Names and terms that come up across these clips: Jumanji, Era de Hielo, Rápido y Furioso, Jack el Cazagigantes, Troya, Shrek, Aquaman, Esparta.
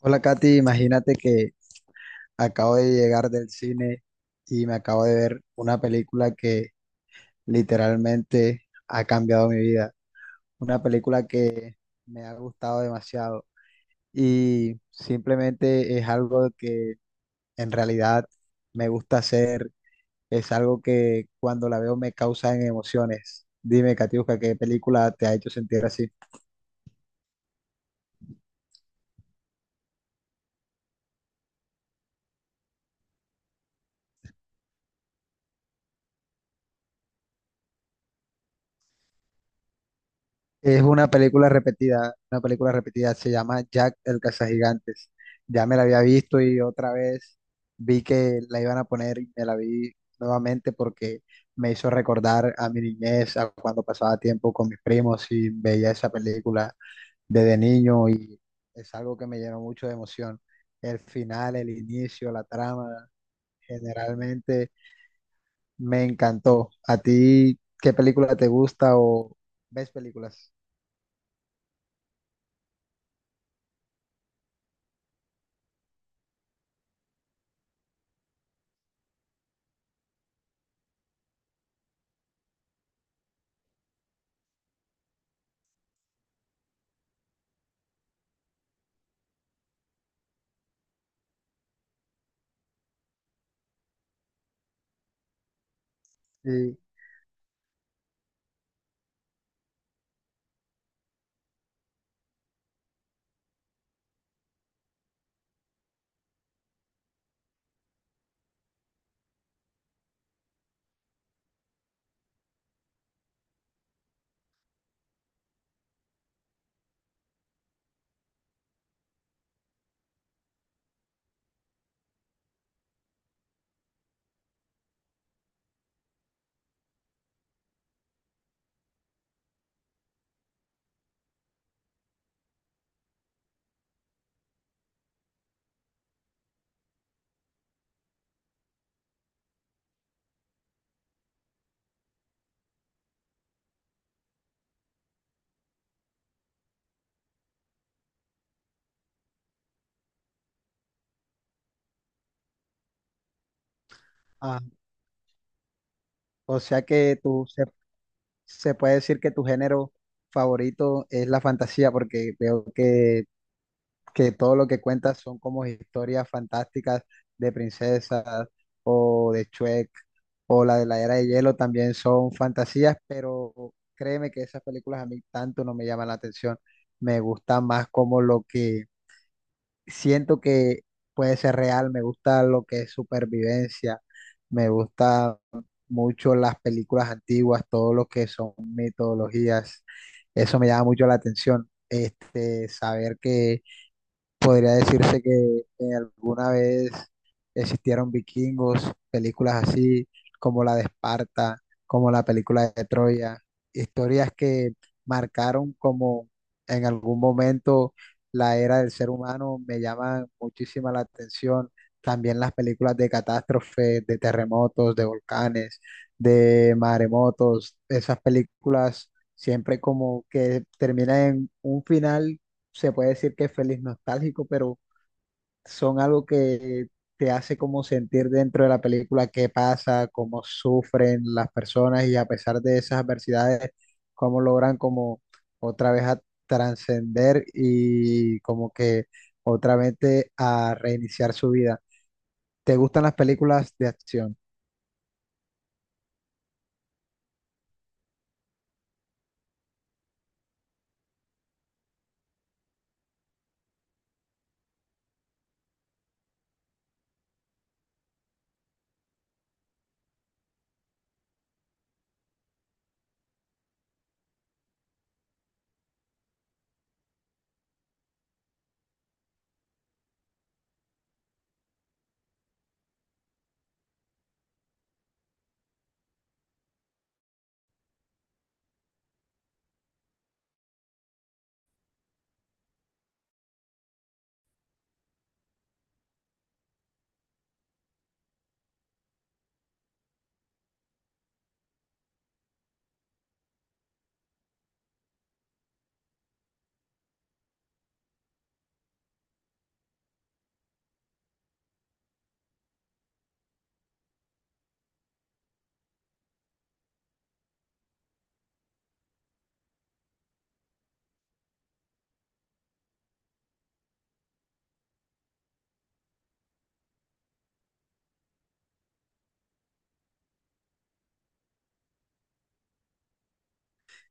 Hola Katy, imagínate que acabo de llegar del cine y me acabo de ver una película que literalmente ha cambiado mi vida, una película que me ha gustado demasiado y simplemente es algo que en realidad me gusta hacer, es algo que cuando la veo me causa emociones. Dime, Katiuska, ¿qué película te ha hecho sentir así? Es una película repetida, se llama Jack el Cazagigantes. Ya me la había visto y otra vez vi que la iban a poner y me la vi nuevamente porque me hizo recordar a mi niñez, a cuando pasaba tiempo con mis primos y veía esa película desde niño y es algo que me llenó mucho de emoción. El final, el inicio, la trama, generalmente me encantó. ¿A ti qué película te gusta o ves películas? Sí. O sea que se puede decir que tu género favorito es la fantasía, porque veo que todo lo que cuentas son como historias fantásticas de princesas o de Shrek o la de la Era de Hielo también son fantasías, pero créeme que esas películas a mí tanto no me llaman la atención. Me gusta más como lo que siento que puede ser real, me gusta lo que es supervivencia, me gusta mucho las películas antiguas, todo lo que son mitologías, eso me llama mucho la atención, este, saber que podría decirse que alguna vez existieron vikingos, películas así como la de Esparta, como la película de Troya, historias que marcaron como en algún momento la era del ser humano, me llaman muchísima la atención. También las películas de catástrofes, de terremotos, de volcanes, de maremotos, esas películas siempre como que terminan en un final se puede decir que es feliz nostálgico, pero son algo que te hace como sentir dentro de la película qué pasa, cómo sufren las personas y a pesar de esas adversidades, cómo logran como otra vez a trascender y como que a reiniciar su vida. ¿Te gustan las películas de acción?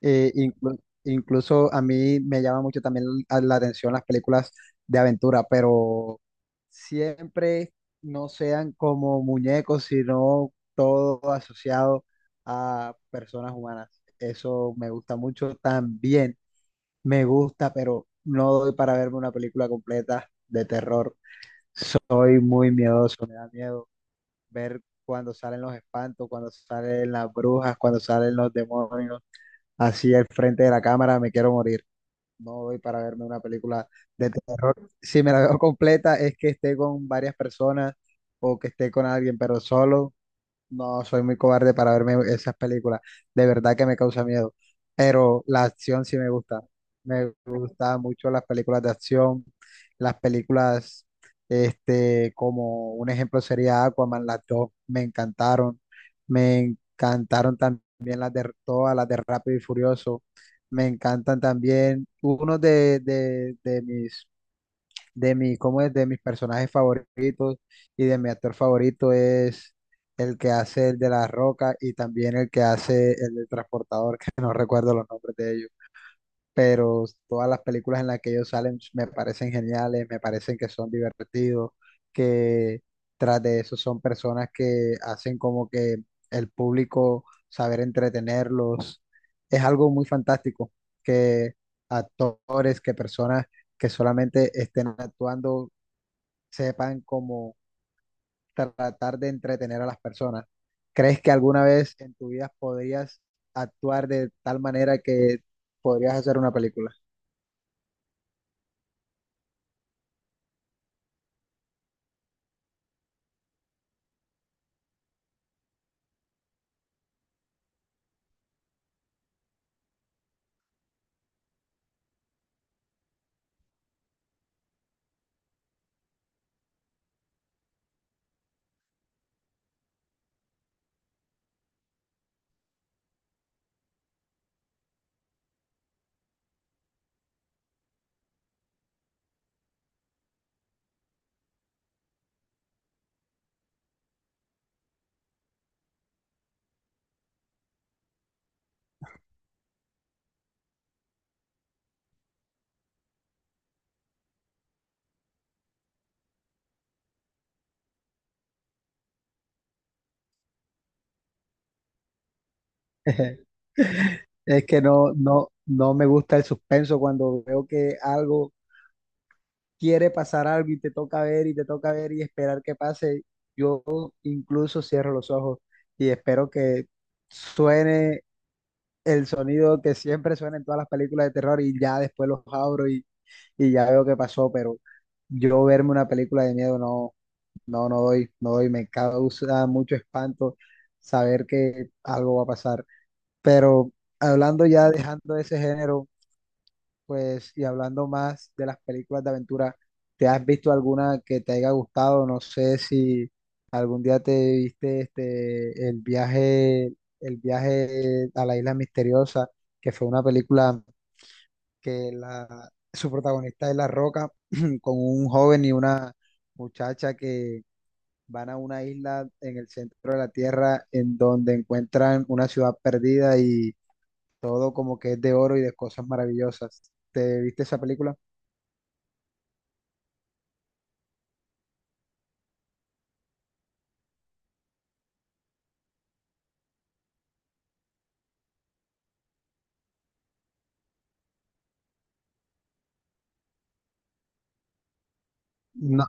Incluso a mí me llama mucho también la atención las películas de aventura, pero siempre no sean como muñecos, sino todo asociado a personas humanas. Eso me gusta mucho también. Me gusta, pero no doy para verme una película completa de terror. Soy muy miedoso, me da miedo ver cuando salen los espantos, cuando salen las brujas, cuando salen los demonios, así al frente de la cámara, me quiero morir, no voy para verme una película de terror. Si me la veo completa es que esté con varias personas o que esté con alguien, pero solo. No, soy muy cobarde para verme esas películas. De verdad que me causa miedo. Pero la acción sí me gusta. Me gustan mucho las películas de acción. Las películas, este, como un ejemplo sería Aquaman, las dos me encantaron. Me encantaron también las de todas, las de Rápido y Furioso. Me encantan también. Uno de mi, ¿cómo es? De mis personajes favoritos y de mi actor favorito es el que hace el de la Roca y también el que hace el del transportador, que no recuerdo los nombres de ellos, pero todas las películas en las que ellos salen me parecen geniales, me parecen que son divertidos, que tras de eso son personas que hacen como que el público saber entretenerlos. Es algo muy fantástico que actores, que personas que solamente estén actuando sepan cómo tratar de entretener a las personas. ¿Crees que alguna vez en tu vida podrías actuar de tal manera que podrías hacer una película? Es que no me gusta el suspenso cuando veo que algo quiere pasar algo y te toca ver y te toca ver y esperar que pase. Yo incluso cierro los ojos y espero que suene el sonido que siempre suena en todas las películas de terror y ya después los abro y ya veo qué pasó, pero yo verme una película de miedo no, no doy, me causa mucho espanto saber que algo va a pasar. Pero hablando ya, dejando ese género, pues, y hablando más de las películas de aventura, ¿te has visto alguna que te haya gustado? No sé si algún día te viste este, el viaje a la isla misteriosa, que fue una película que la, su protagonista es La Roca, con un joven y una muchacha que van a una isla en el centro de la tierra en donde encuentran una ciudad perdida y todo como que es de oro y de cosas maravillosas. ¿Te viste esa película? No,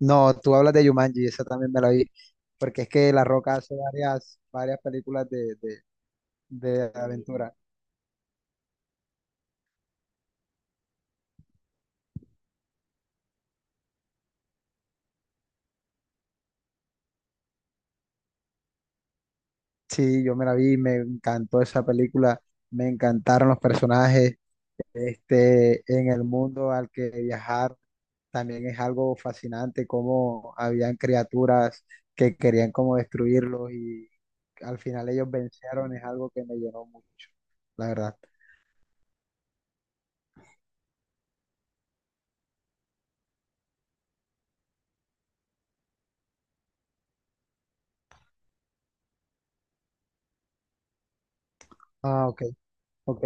No, tú hablas de Jumanji, esa también me la vi, porque es que La Roca hace varias películas de aventura. Sí, yo me la vi, me encantó esa película, me encantaron los personajes, este, en el mundo al que viajar también es algo fascinante, cómo habían criaturas que querían como destruirlos y al final ellos vencieron, es algo que me llenó mucho, la verdad. Ah, ok, ok.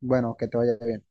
Bueno, que te vaya bien.